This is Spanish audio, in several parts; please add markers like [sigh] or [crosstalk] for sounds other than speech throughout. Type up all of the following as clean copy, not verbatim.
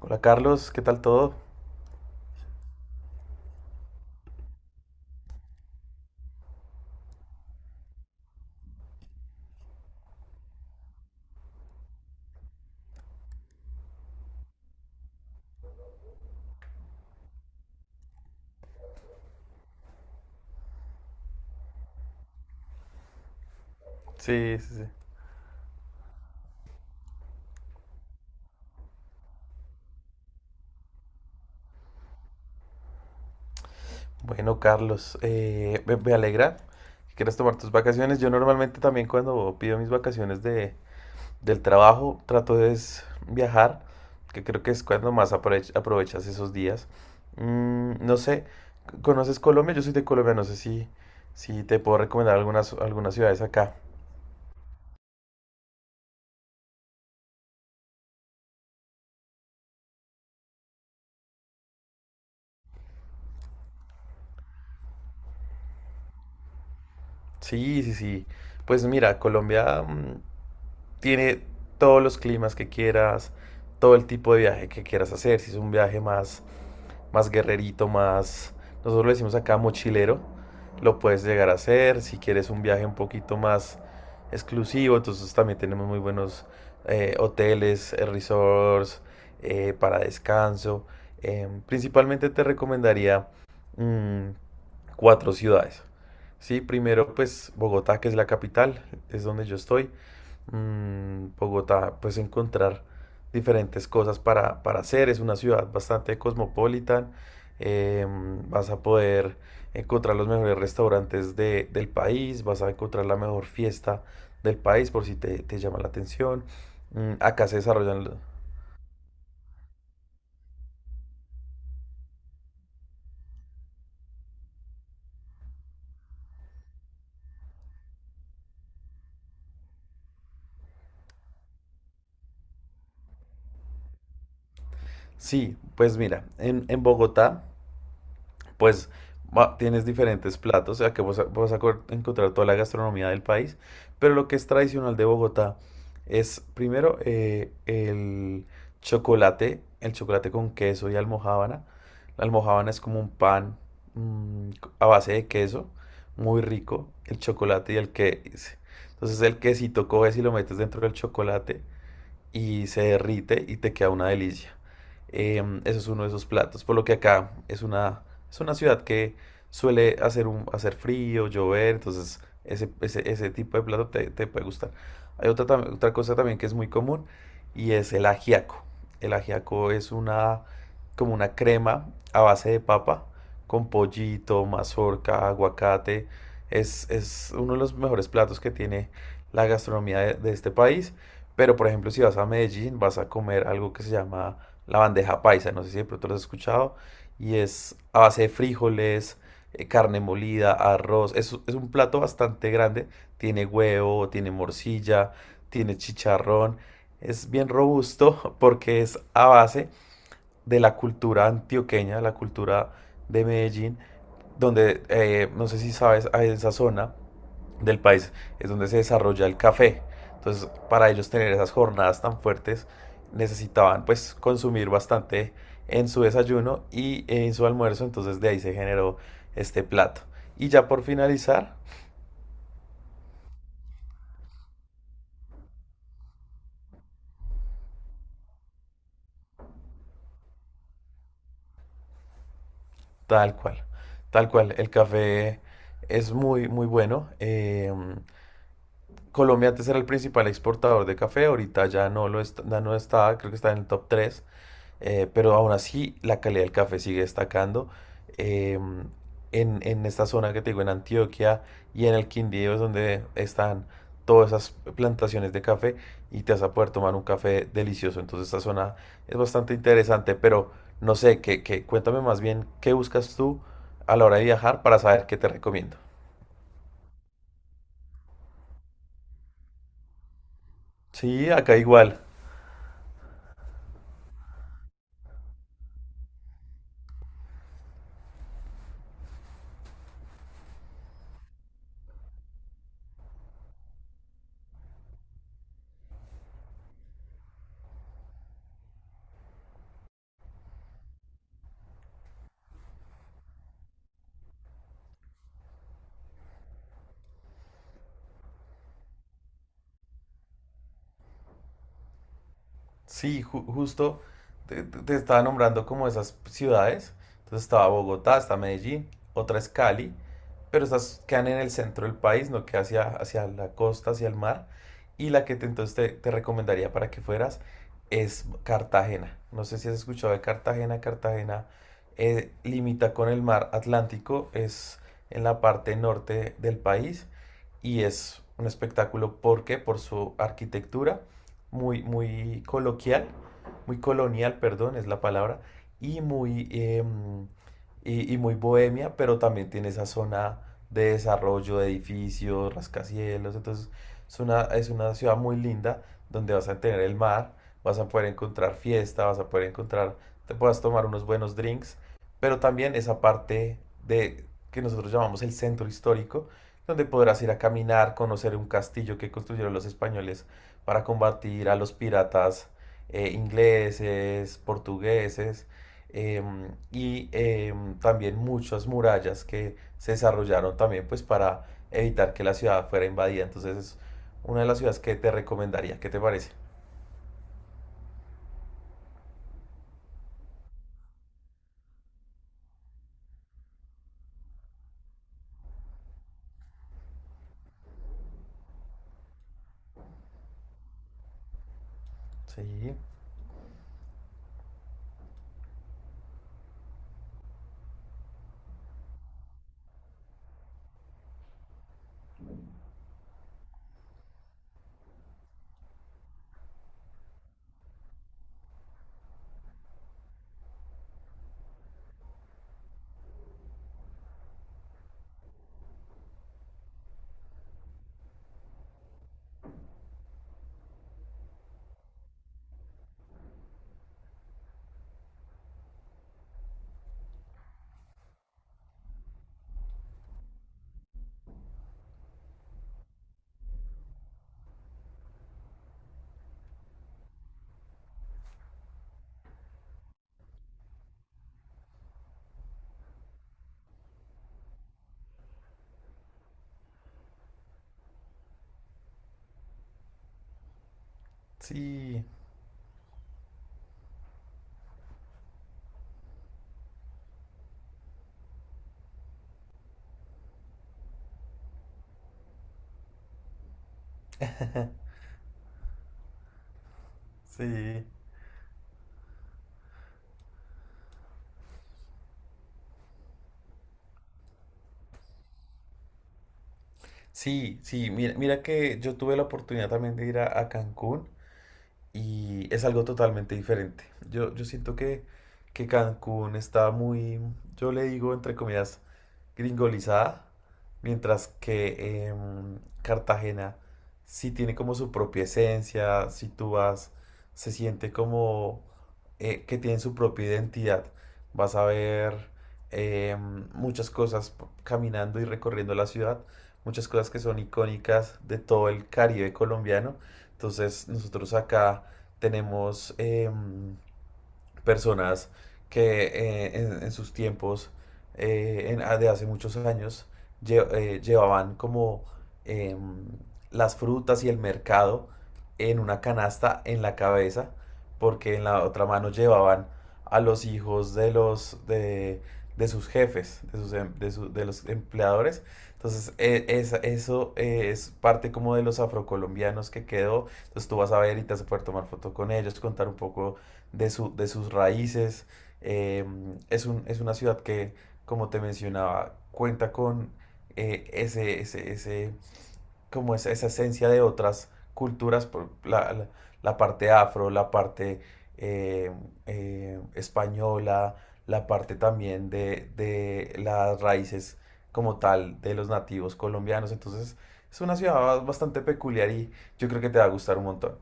Hola Carlos, ¿qué tal todo? Sí, sí, sí. Bueno, Carlos, me alegra que quieras tomar tus vacaciones. Yo normalmente también cuando pido mis vacaciones del trabajo trato de es viajar, que creo que es cuando más aprovechas esos días. No sé, ¿conoces Colombia? Yo soy de Colombia, no sé si, si te puedo recomendar algunas ciudades acá. Sí, sí, sí. Pues mira, Colombia, tiene todos los climas que quieras, todo el tipo de viaje que quieras hacer. Si es un viaje más, Más guerrerito, más, nosotros lo decimos acá mochilero, lo puedes llegar a hacer. Si quieres un viaje un poquito más exclusivo, entonces también tenemos muy buenos hoteles, resorts, para descanso. Principalmente te recomendaría mm, cuatro ciudades. Sí, primero pues Bogotá, que es la capital, es donde yo estoy. Bogotá, pues encontrar diferentes cosas para hacer. Es una ciudad bastante cosmopolita. eh, Vas a poder encontrar los mejores restaurantes del país, vas a encontrar la mejor fiesta del país por si te llama la atención. Acá se desarrollan sí, pues mira, en Bogotá pues tienes diferentes platos, o sea que encontrar toda la gastronomía del país, pero lo que es tradicional de Bogotá es primero el chocolate con queso y almojábana. La almojábana es como un pan mm, a base de queso, muy rico, el chocolate y el que... Entonces el quesito coges y lo metes dentro del chocolate y se derrite y te queda una delicia. Eso es uno de esos platos. Por lo que acá es una ciudad que suele hacer, un, hacer frío, llover, entonces ese tipo de plato te puede gustar. Hay otra cosa también que es muy común y es el ajiaco. El ajiaco es una, como una crema a base de papa con pollito, mazorca, aguacate. Es uno de los mejores platos que tiene la gastronomía de este país. Pero, por ejemplo, si vas a Medellín, vas a comer algo que se llama la bandeja paisa. No sé si de pronto lo has escuchado. Y es a base de frijoles, carne molida, arroz. Es un plato bastante grande. Tiene huevo, tiene morcilla, tiene chicharrón. Es bien robusto [laughs] porque es a base de la cultura antioqueña, la cultura de Medellín, donde no sé si sabes, ah, en esa zona del país es donde se desarrolla el café. Entonces, para ellos tener esas jornadas tan fuertes, necesitaban pues consumir bastante en su desayuno y en su almuerzo, entonces de ahí se generó este plato. Y ya por finalizar, tal cual, tal cual, el café es muy, muy bueno. Colombia antes era el principal exportador de café, ahorita ya no lo está, no está, creo que está en el top tres. Pero aún así, la calidad del café sigue destacando. Eh, en esta zona que te digo, en Antioquia y en el Quindío, es donde están todas esas plantaciones de café y te vas a poder tomar un café delicioso. Entonces, esta zona es bastante interesante, pero no sé, cuéntame más bien qué buscas tú a la hora de viajar para saber qué te recomiendo. Sí, acá igual. Sí, justo te estaba nombrando como esas ciudades. Entonces estaba Bogotá, está Medellín, otra es Cali, pero estas quedan en el centro del país, no que hacia la costa, hacia el mar. Y la entonces te recomendaría para que fueras es Cartagena. No sé si has escuchado de Cartagena. Cartagena limita con el mar Atlántico, es en la parte norte del país y es un espectáculo porque por su arquitectura muy, muy coloquial, muy colonial, perdón, es la palabra, y muy, eh, y muy bohemia, pero también tiene esa zona de desarrollo de edificios, rascacielos, entonces es una ciudad muy linda donde vas a tener el mar, vas a poder encontrar fiesta, vas a poder encontrar, te puedas tomar unos buenos drinks, pero también esa parte de que nosotros llamamos el centro histórico, donde podrás ir a caminar, conocer un castillo que construyeron los españoles para combatir a los piratas ingleses, portugueses, también muchas murallas que se desarrollaron también pues para evitar que la ciudad fuera invadida. Entonces es una de las ciudades que te recomendaría. ¿Qué te parece? Sí, sí, sí. Sí, sí, mira, mira que yo tuve la oportunidad también de ir a Cancún y es algo totalmente diferente. Yo siento que Cancún está muy, yo le digo entre comillas, gringolizada, mientras que Cartagena sí tiene como su propia esencia, si tú vas, se siente como que tiene su propia identidad. Vas a ver muchas cosas caminando y recorriendo la ciudad, muchas cosas que son icónicas de todo el Caribe colombiano. Entonces nosotros acá tenemos personas que en sus tiempos de hace muchos años llevaban como em, las frutas y el mercado en una canasta en la cabeza, porque en la otra mano llevaban a los hijos de de sus jefes, de sus em- de su- de los empleadores. Entonces, eso es parte como de los afrocolombianos que quedó. Entonces, tú vas a ver y te vas a poder tomar foto con ellos, contar un poco de sus raíces. Eh, es un, es una ciudad que, como te mencionaba, cuenta con ese, como esa esencia de otras culturas, por la parte afro, la parte eh, española, la parte también de las raíces como tal de los nativos colombianos. Entonces, es una ciudad bastante peculiar y yo creo que te va a gustar un montón.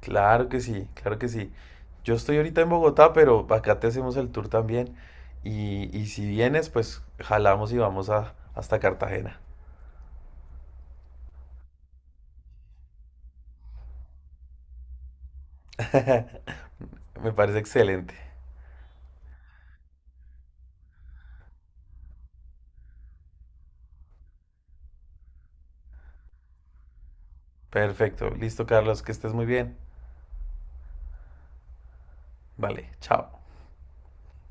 Claro que sí, claro que sí. Yo estoy ahorita en Bogotá, pero acá te hacemos el tour también. Y si vienes, pues jalamos y hasta Cartagena. [laughs] Me parece excelente. Perfecto. Listo, Carlos, que estés muy bien. Vale, chao.